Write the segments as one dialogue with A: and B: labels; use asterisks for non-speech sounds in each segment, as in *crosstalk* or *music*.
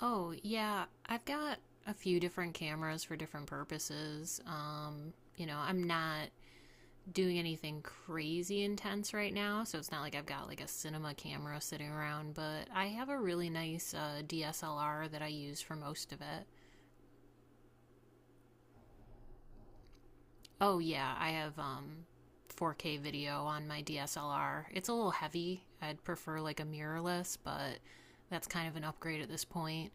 A: Oh, yeah. I've got a few different cameras for different purposes. I'm not doing anything crazy intense right now, so it's not like I've got like a cinema camera sitting around, but I have a really nice DSLR that I use for most of it. Oh, yeah. I have 4K video on my DSLR. It's a little heavy. I'd prefer like a mirrorless, but that's kind of an upgrade at this point.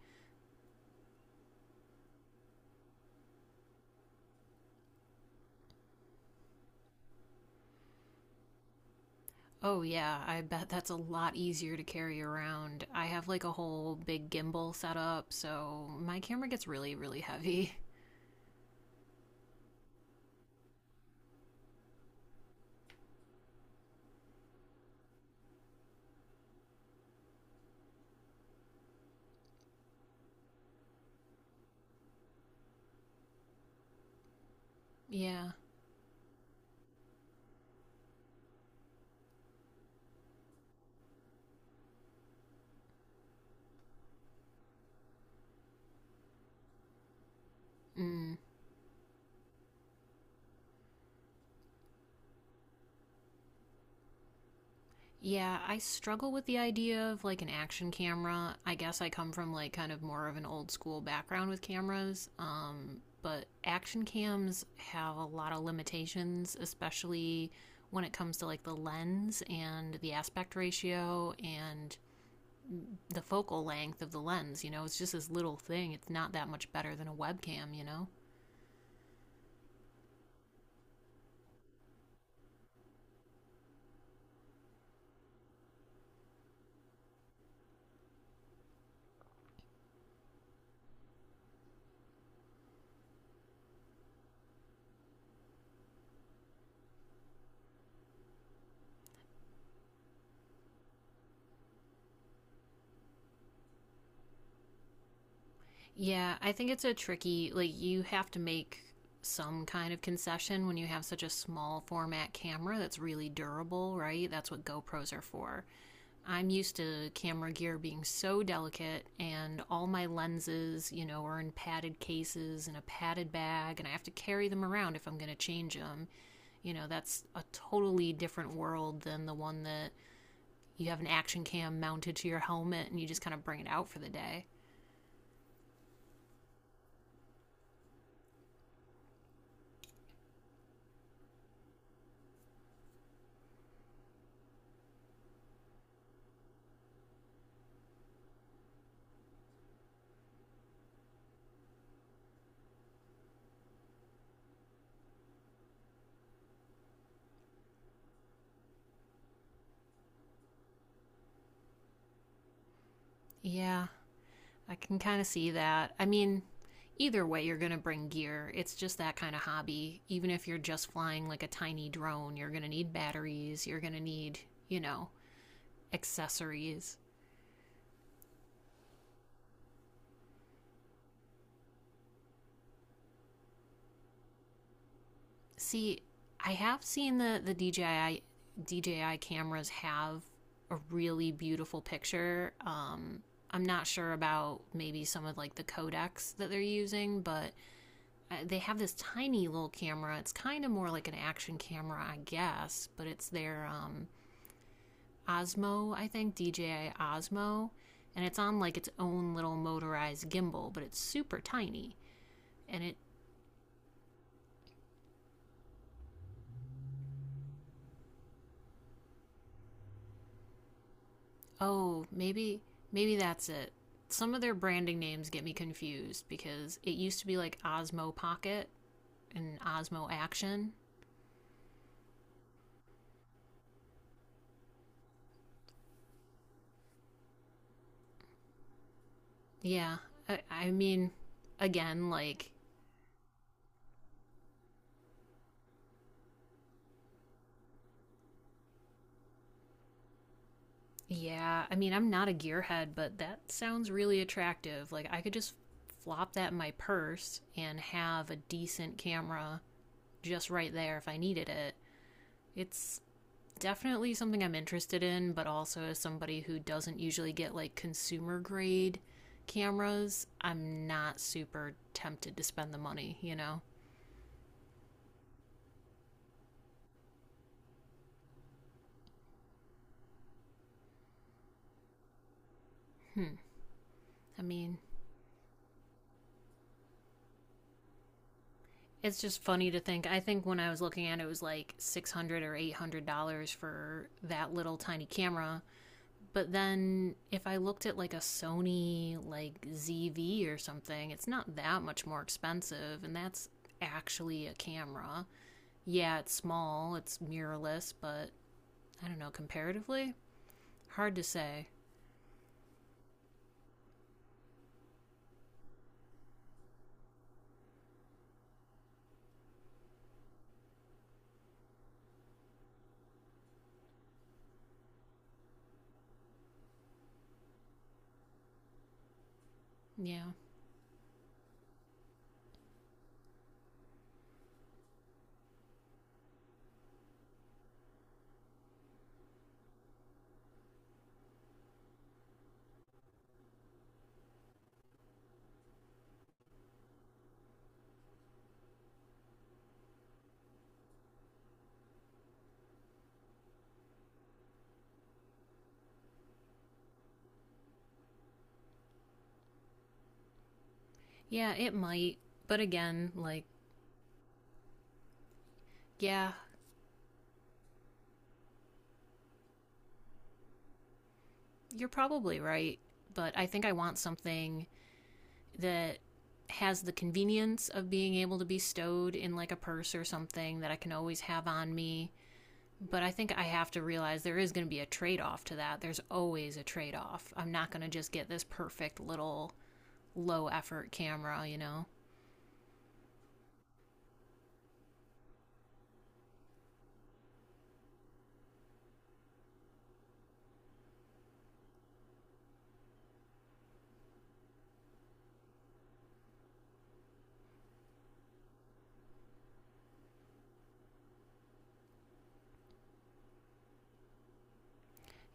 A: Oh, yeah, I bet that's a lot easier to carry around. I have like a whole big gimbal set up, so my camera gets really, really heavy. *laughs* Yeah. Mm. Yeah, I struggle with the idea of like an action camera. I guess I come from like kind of more of an old school background with cameras. But action cams have a lot of limitations, especially when it comes to like the lens and the aspect ratio and the focal length of the lens, it's just this little thing. It's not that much better than a webcam, Yeah, I think it's a tricky, like, you have to make some kind of concession when you have such a small format camera that's really durable, right? That's what GoPros are for. I'm used to camera gear being so delicate, and all my lenses, are in padded cases and a padded bag, and I have to carry them around if I'm going to change them. You know, that's a totally different world than the one that you have an action cam mounted to your helmet and you just kind of bring it out for the day. Yeah, I can kind of see that. I mean, either way, you're going to bring gear. It's just that kind of hobby. Even if you're just flying like a tiny drone, you're going to need batteries, you're going to need, you know, accessories. See, I have seen the DJI cameras have a really beautiful picture. I'm not sure about maybe some of like the codecs that they're using, but they have this tiny little camera. It's kind of more like an action camera, I guess, but it's their Osmo, I think, DJI Osmo, and it's on like its own little motorized gimbal, but it's super tiny. And it Oh, maybe that's it. Some of their branding names get me confused because it used to be like Osmo Pocket and Osmo Action. Yeah, I mean, again, like yeah, I mean, I'm not a gearhead, but that sounds really attractive. Like, I could just flop that in my purse and have a decent camera just right there if I needed it. It's definitely something I'm interested in, but also as somebody who doesn't usually get like consumer grade cameras, I'm not super tempted to spend the money, Hmm. I mean, it's just funny to think. I think when I was looking at it, it was like 600 or $800 for that little tiny camera. But then if I looked at like a Sony like ZV or something, it's not that much more expensive and that's actually a camera. Yeah, it's small, it's mirrorless, but I don't know, comparatively, hard to say. Yeah. Yeah, it might. But again, like yeah, you're probably right, but I think I want something that has the convenience of being able to be stowed in like a purse or something that I can always have on me. But I think I have to realize there is going to be a trade off to that. There's always a trade off. I'm not going to just get this perfect little low effort camera,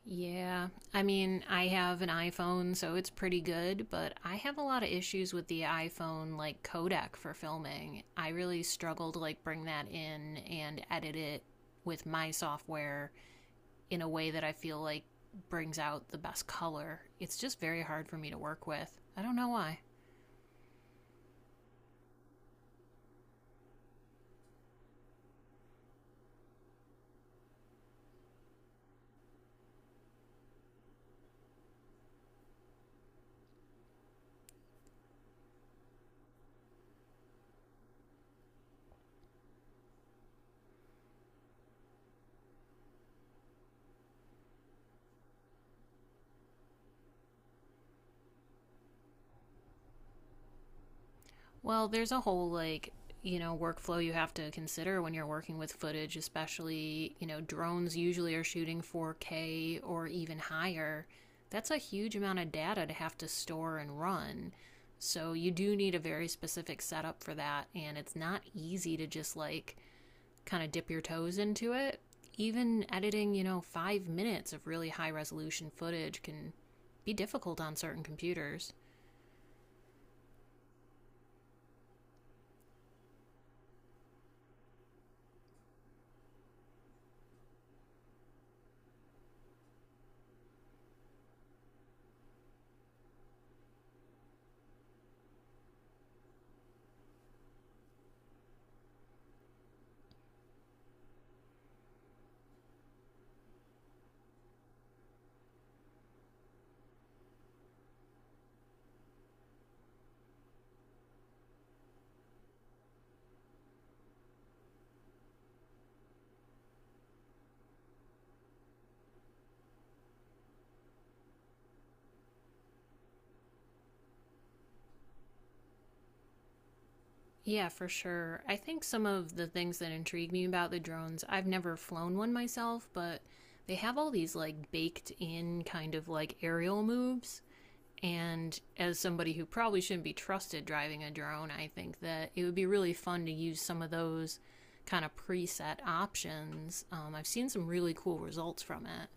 A: Yeah. I mean, I have an iPhone, so it's pretty good, but I have a lot of issues with the iPhone like codec for filming. I really struggle to like bring that in and edit it with my software in a way that I feel like brings out the best color. It's just very hard for me to work with. I don't know why. Well, there's a whole like workflow you have to consider when you're working with footage, especially drones usually are shooting 4K or even higher. That's a huge amount of data to have to store and run. So you do need a very specific setup for that, and it's not easy to just like kind of dip your toes into it. Even editing, 5 minutes of really high resolution footage can be difficult on certain computers. Yeah, for sure. I think some of the things that intrigue me about the drones, I've never flown one myself, but they have all these like baked in kind of like aerial moves. And as somebody who probably shouldn't be trusted driving a drone, I think that it would be really fun to use some of those kind of preset options. I've seen some really cool results from it.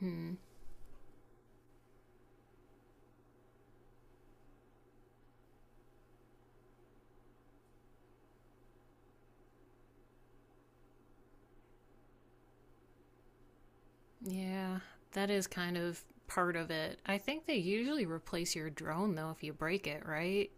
A: Hmm. Yeah, that is kind of part of it. I think they usually replace your drone though if you break it, right?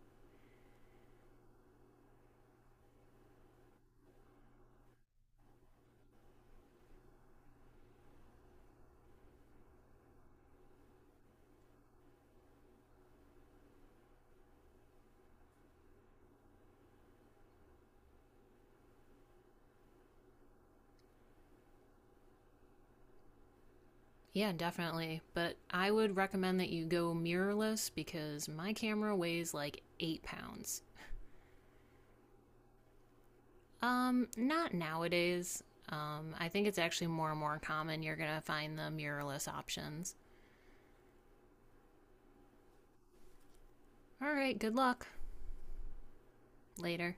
A: Yeah, definitely. But I would recommend that you go mirrorless because my camera weighs like 8 pounds. Not nowadays. I think it's actually more and more common. You're gonna find the mirrorless options. All right, good luck. Later.